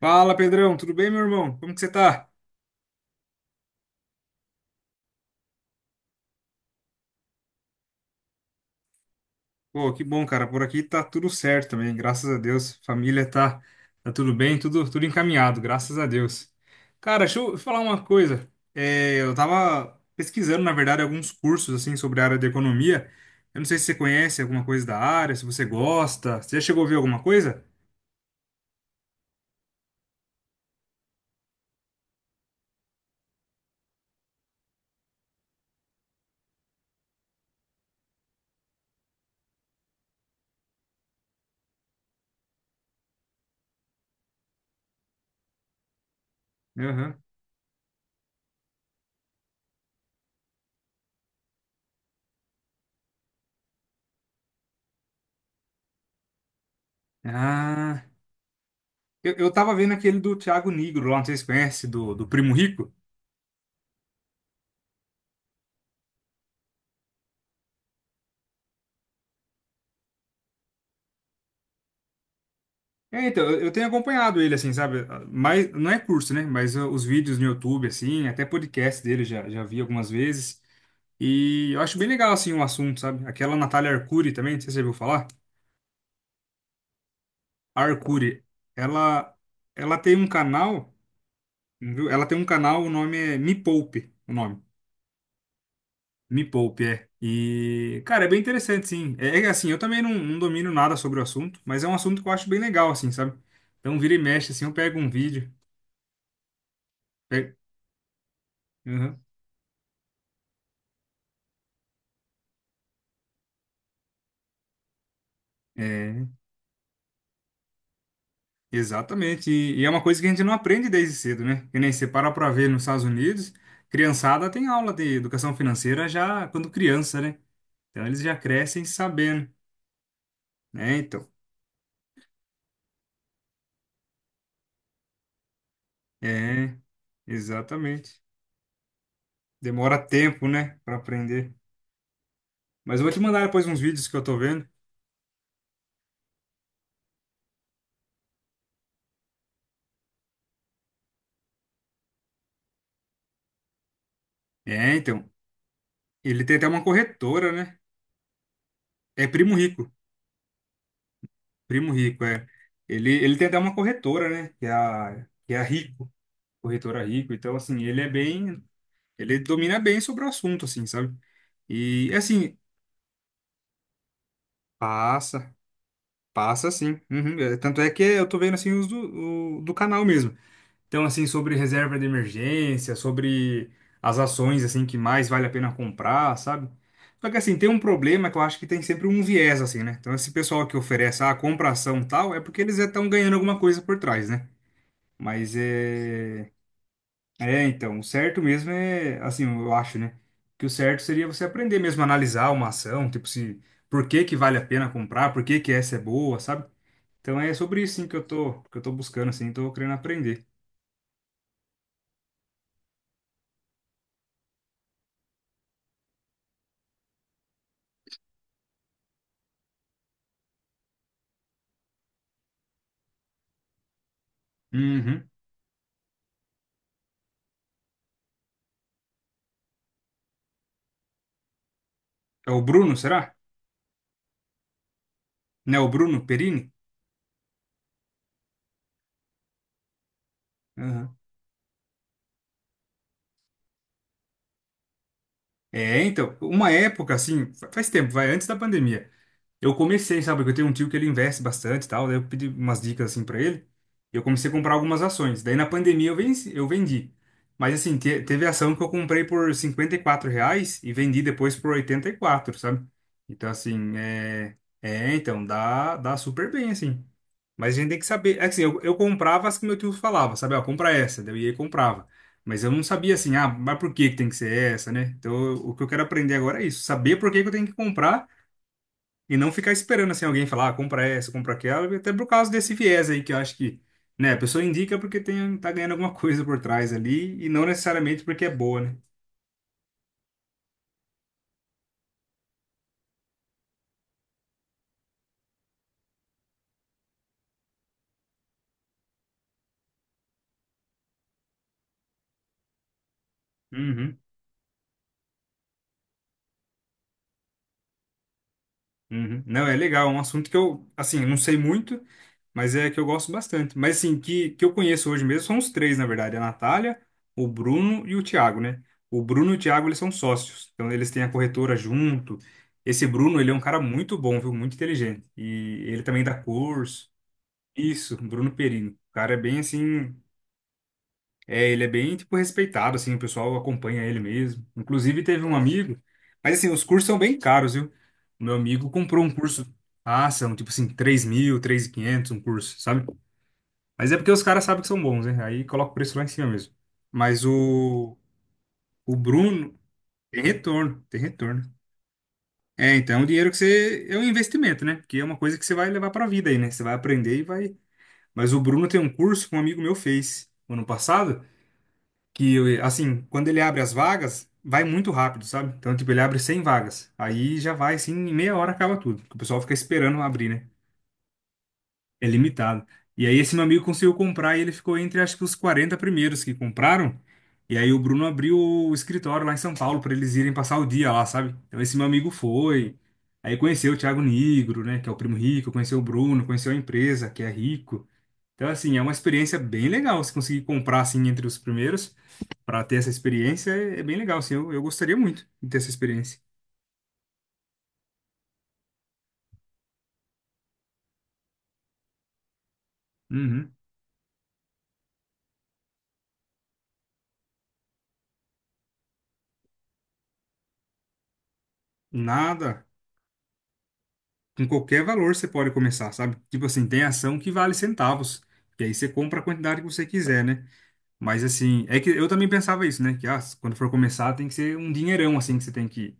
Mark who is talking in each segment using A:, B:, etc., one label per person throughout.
A: Fala, Pedrão, tudo bem, meu irmão? Como que você tá? Pô, que bom, cara. Por aqui tá tudo certo também, graças a Deus. Família tá tudo bem, tudo encaminhado, graças a Deus. Cara, deixa eu falar uma coisa. É, eu tava pesquisando, na verdade, alguns cursos assim sobre a área de economia. Eu não sei se você conhece alguma coisa da área, se você gosta. Você já chegou a ver alguma coisa? Aham. Ah, eu tava vendo aquele do Thiago Nigro lá, não sei se você conhece, do Primo Rico. É, então, eu tenho acompanhado ele, assim, sabe? Mas, não é curso, né? Mas os vídeos no YouTube, assim, até podcast dele já vi algumas vezes. E eu acho bem legal, assim, o assunto, sabe? Aquela Natália Arcuri também, não sei se você já ouviu falar. A Arcuri, ela, ela tem um canal, viu? Ela tem um canal, o nome é Me Poupe, o nome. Me Poupe, é. E, cara, é bem interessante, sim. É, é assim, eu também não domino nada sobre o assunto, mas é um assunto que eu acho bem legal, assim, sabe? Então, vira e mexe, assim, eu pego um vídeo. Pego. Uhum. É. Exatamente. E é uma coisa que a gente não aprende desde cedo, né? Que nem você para pra ver nos Estados Unidos, criançada tem aula de educação financeira já quando criança, né? Então eles já crescem sabendo, né? Então, é, exatamente. Demora tempo, né, pra aprender. Mas eu vou te mandar depois uns vídeos que eu tô vendo. É, então, ele tem até uma corretora, né? É Primo Rico. Primo Rico, é. Ele tem até uma corretora, né? Que é a Rico, corretora Rico. Então, assim, Ele domina bem sobre o assunto, assim, sabe? E, é assim, passa, passa sim. Uhum. É, tanto é que eu tô vendo, assim, do canal mesmo. Então, assim, sobre reserva de emergência, sobre as ações, assim, que mais vale a pena comprar, sabe? Só que, assim, tem um problema que eu acho que tem sempre um viés, assim, né? Então, esse pessoal que oferece, ah, compra ação tal, é porque eles já estão ganhando alguma coisa por trás, né? Mas é. É, então, o certo mesmo é, assim, eu acho, né? Que o certo seria você aprender mesmo a analisar uma ação, tipo se por que que vale a pena comprar, por que que essa é boa, sabe? Então é sobre isso sim que eu tô buscando assim, tô querendo aprender. Uhum. É o Bruno, será? Não é o Bruno Perini? Aham. É, então, uma época assim, faz tempo, vai antes da pandemia. Eu comecei, sabe? Porque eu tenho um tio que ele investe bastante e tal. Daí eu pedi umas dicas assim pra ele. E eu comecei a comprar algumas ações. Daí na pandemia eu vendi. Mas assim, teve ação que eu comprei por R$ 54 reais e vendi depois por 84, sabe? Então assim, é então dá super bem assim. Mas a gente tem que saber. É que, assim, eu comprava as que meu tio falava, sabe? Ó, compra essa. Daí eu ia e comprava. Mas eu não sabia assim, ah, mas por que que tem que ser essa, né? O que eu quero aprender agora é isso, saber por que que eu tenho que comprar e não ficar esperando assim alguém falar, ah, compra essa, compra aquela, até por causa desse viés aí que eu acho que, né, a pessoa indica porque tem, tá ganhando alguma coisa por trás ali e não necessariamente porque é boa, né? Uhum, uhum. Não, é legal, é um assunto que eu, assim, não sei muito, mas é que eu gosto bastante. Mas assim, que eu conheço hoje mesmo são os três, na verdade, a Natália, o Bruno e o Thiago, né? O Bruno e o Thiago, eles são sócios, então eles têm a corretora junto. Esse Bruno, ele é um cara muito bom, viu? Muito inteligente. E ele também dá curso. Isso, Bruno Perini. O cara é bem assim, é, ele é bem tipo respeitado assim, o pessoal acompanha ele mesmo. Inclusive teve um amigo, mas assim, os cursos são bem caros, viu? O meu amigo comprou um curso, ah, são tipo assim, 3.000, 3.500 um curso, sabe? Mas é porque os caras sabem que são bons, né? Aí coloca o preço lá em cima mesmo. Mas o Bruno tem retorno, tem retorno. É, então o dinheiro que você é um investimento, né? Porque é uma coisa que você vai levar pra vida aí, né? Você vai aprender e vai. Mas o Bruno tem um curso que um amigo meu fez ano passado. Que, assim, quando ele abre as vagas, vai muito rápido, sabe? Então, tipo, ele abre 100 vagas. Aí já vai, assim, em meia hora acaba tudo, porque o pessoal fica esperando abrir, né? É limitado. E aí esse meu amigo conseguiu comprar e ele ficou entre, acho que, os 40 primeiros que compraram. E aí o Bruno abriu o escritório lá em São Paulo para eles irem passar o dia lá, sabe? Então, esse meu amigo foi. Aí conheceu o Thiago Nigro, né? Que é o primo rico, conheceu o Bruno, conheceu a empresa, que é rico. Então, assim, é uma experiência bem legal se conseguir comprar, assim, entre os primeiros para ter essa experiência é bem legal, assim. Eu gostaria muito de ter essa experiência. Uhum. Nada, com qualquer valor você pode começar, sabe? Tipo assim, tem ação que vale centavos, que aí você compra a quantidade que você quiser, né? Mas assim, é que eu também pensava isso, né? Que ah, quando for começar tem que ser um dinheirão, assim, que você tem que,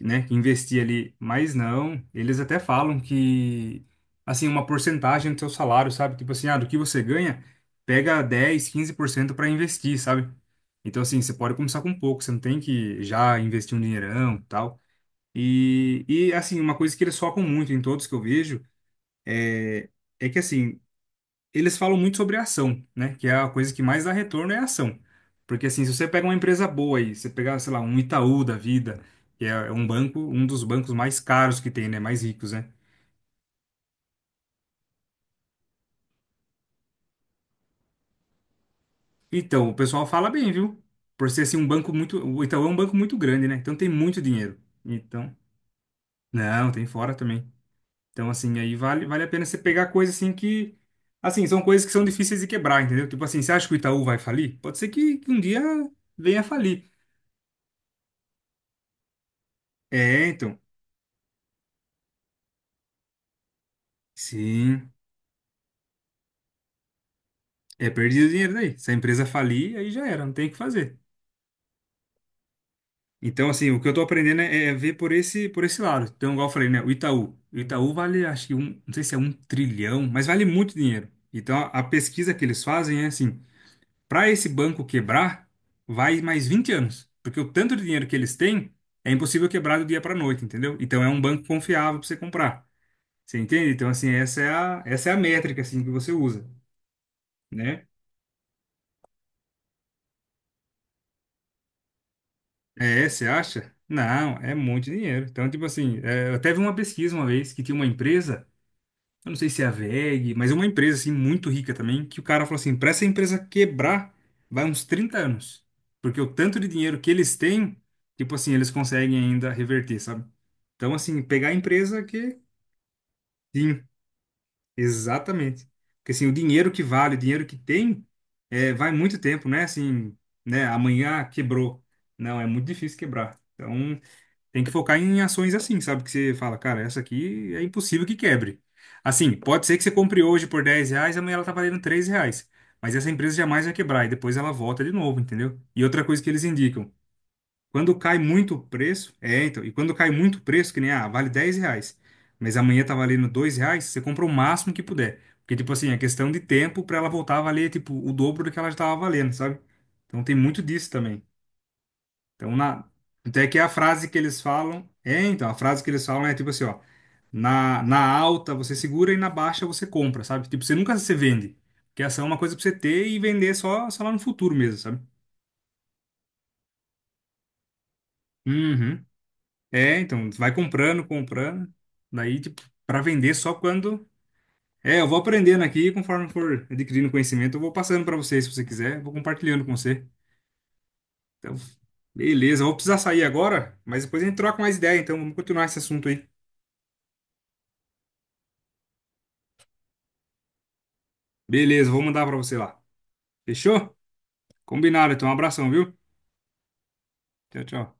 A: né, que investir ali, mas não, eles até falam que, assim, uma porcentagem do seu salário, sabe? Tipo assim, ah, do que você ganha, pega 10, 15% para investir, sabe? Então, assim, você pode começar com pouco, você não tem que já investir um dinheirão, tal. E assim, uma coisa que eles focam muito em todos que eu vejo é, é que, assim, eles falam muito sobre ação, né? Que é a coisa que mais dá retorno é a ação. Porque assim, se você pega uma empresa boa aí, você pegar, sei lá, um Itaú da vida, que é um banco, um dos bancos mais caros que tem, né? Mais ricos, né? Então, o pessoal fala bem, viu? Por ser assim um banco muito, o Itaú é um banco muito grande, né? Então tem muito dinheiro. Então, não, tem fora também. Então, assim, aí vale a pena você pegar coisa assim que Assim, são coisas que são difíceis de quebrar, entendeu? Tipo assim, você acha que o Itaú vai falir? Pode ser que um dia venha a falir. É, então. Sim. É, perdi o dinheiro daí. Se a empresa falir, aí já era, não tem o que fazer. Então, assim, o que eu tô aprendendo é ver por esse lado. Então, igual eu falei, né? O Itaú. O Itaú vale, acho que um, não sei se é um trilhão, mas vale muito dinheiro. Então, a pesquisa que eles fazem é assim: para esse banco quebrar, vai mais 20 anos. Porque o tanto de dinheiro que eles têm é impossível quebrar do dia para noite, entendeu? Então, é um banco confiável para você comprar. Você entende? Então, assim, essa é a métrica assim, que você usa, né? É, você acha? Não, é muito dinheiro. Então, tipo assim, é, eu até vi uma pesquisa uma vez que tinha uma empresa, eu não sei se é a WEG, mas é uma empresa assim muito rica também, que o cara falou assim, para essa empresa quebrar, vai uns 30 anos. Porque o tanto de dinheiro que eles têm, tipo assim, eles conseguem ainda reverter, sabe? Então, assim, pegar a empresa que. Sim, exatamente. Porque assim, o dinheiro que vale, o dinheiro que tem, é, vai muito tempo, né? Assim, né? Amanhã quebrou. Não, é muito difícil quebrar. Então, tem que focar em ações assim, sabe? Que você fala, cara, essa aqui é impossível que quebre. Assim, pode ser que você compre hoje por R$ 10, amanhã ela tá valendo R$ 3. Mas essa empresa jamais vai quebrar e depois ela volta de novo, entendeu? E outra coisa que eles indicam, quando cai muito o preço, é, então, e quando cai muito o preço, que nem, ah, vale R$ 10, mas amanhã tá valendo R$ 2, você compra o máximo que puder. Porque, tipo assim, é questão de tempo pra ela voltar a valer, tipo, o dobro do que ela já tava valendo, sabe? Então tem muito disso também. Então, na. Até que a frase que eles falam. É, então, a frase que eles falam é tipo assim, ó. Na alta você segura e na baixa você compra, sabe? Tipo, você nunca se vende. Porque essa é uma coisa pra você ter e vender só lá no futuro mesmo, sabe? Uhum. É, então, vai comprando, comprando. Daí, tipo, pra vender só quando. É, eu vou aprendendo aqui, conforme for adquirindo conhecimento, eu vou passando pra você, se você quiser, vou compartilhando com você. Então, beleza, eu vou precisar sair agora, mas depois a gente troca mais ideia, então vamos continuar esse assunto aí. Beleza, vou mandar pra você lá. Fechou? Combinado, então. Um abração, viu? Tchau, tchau.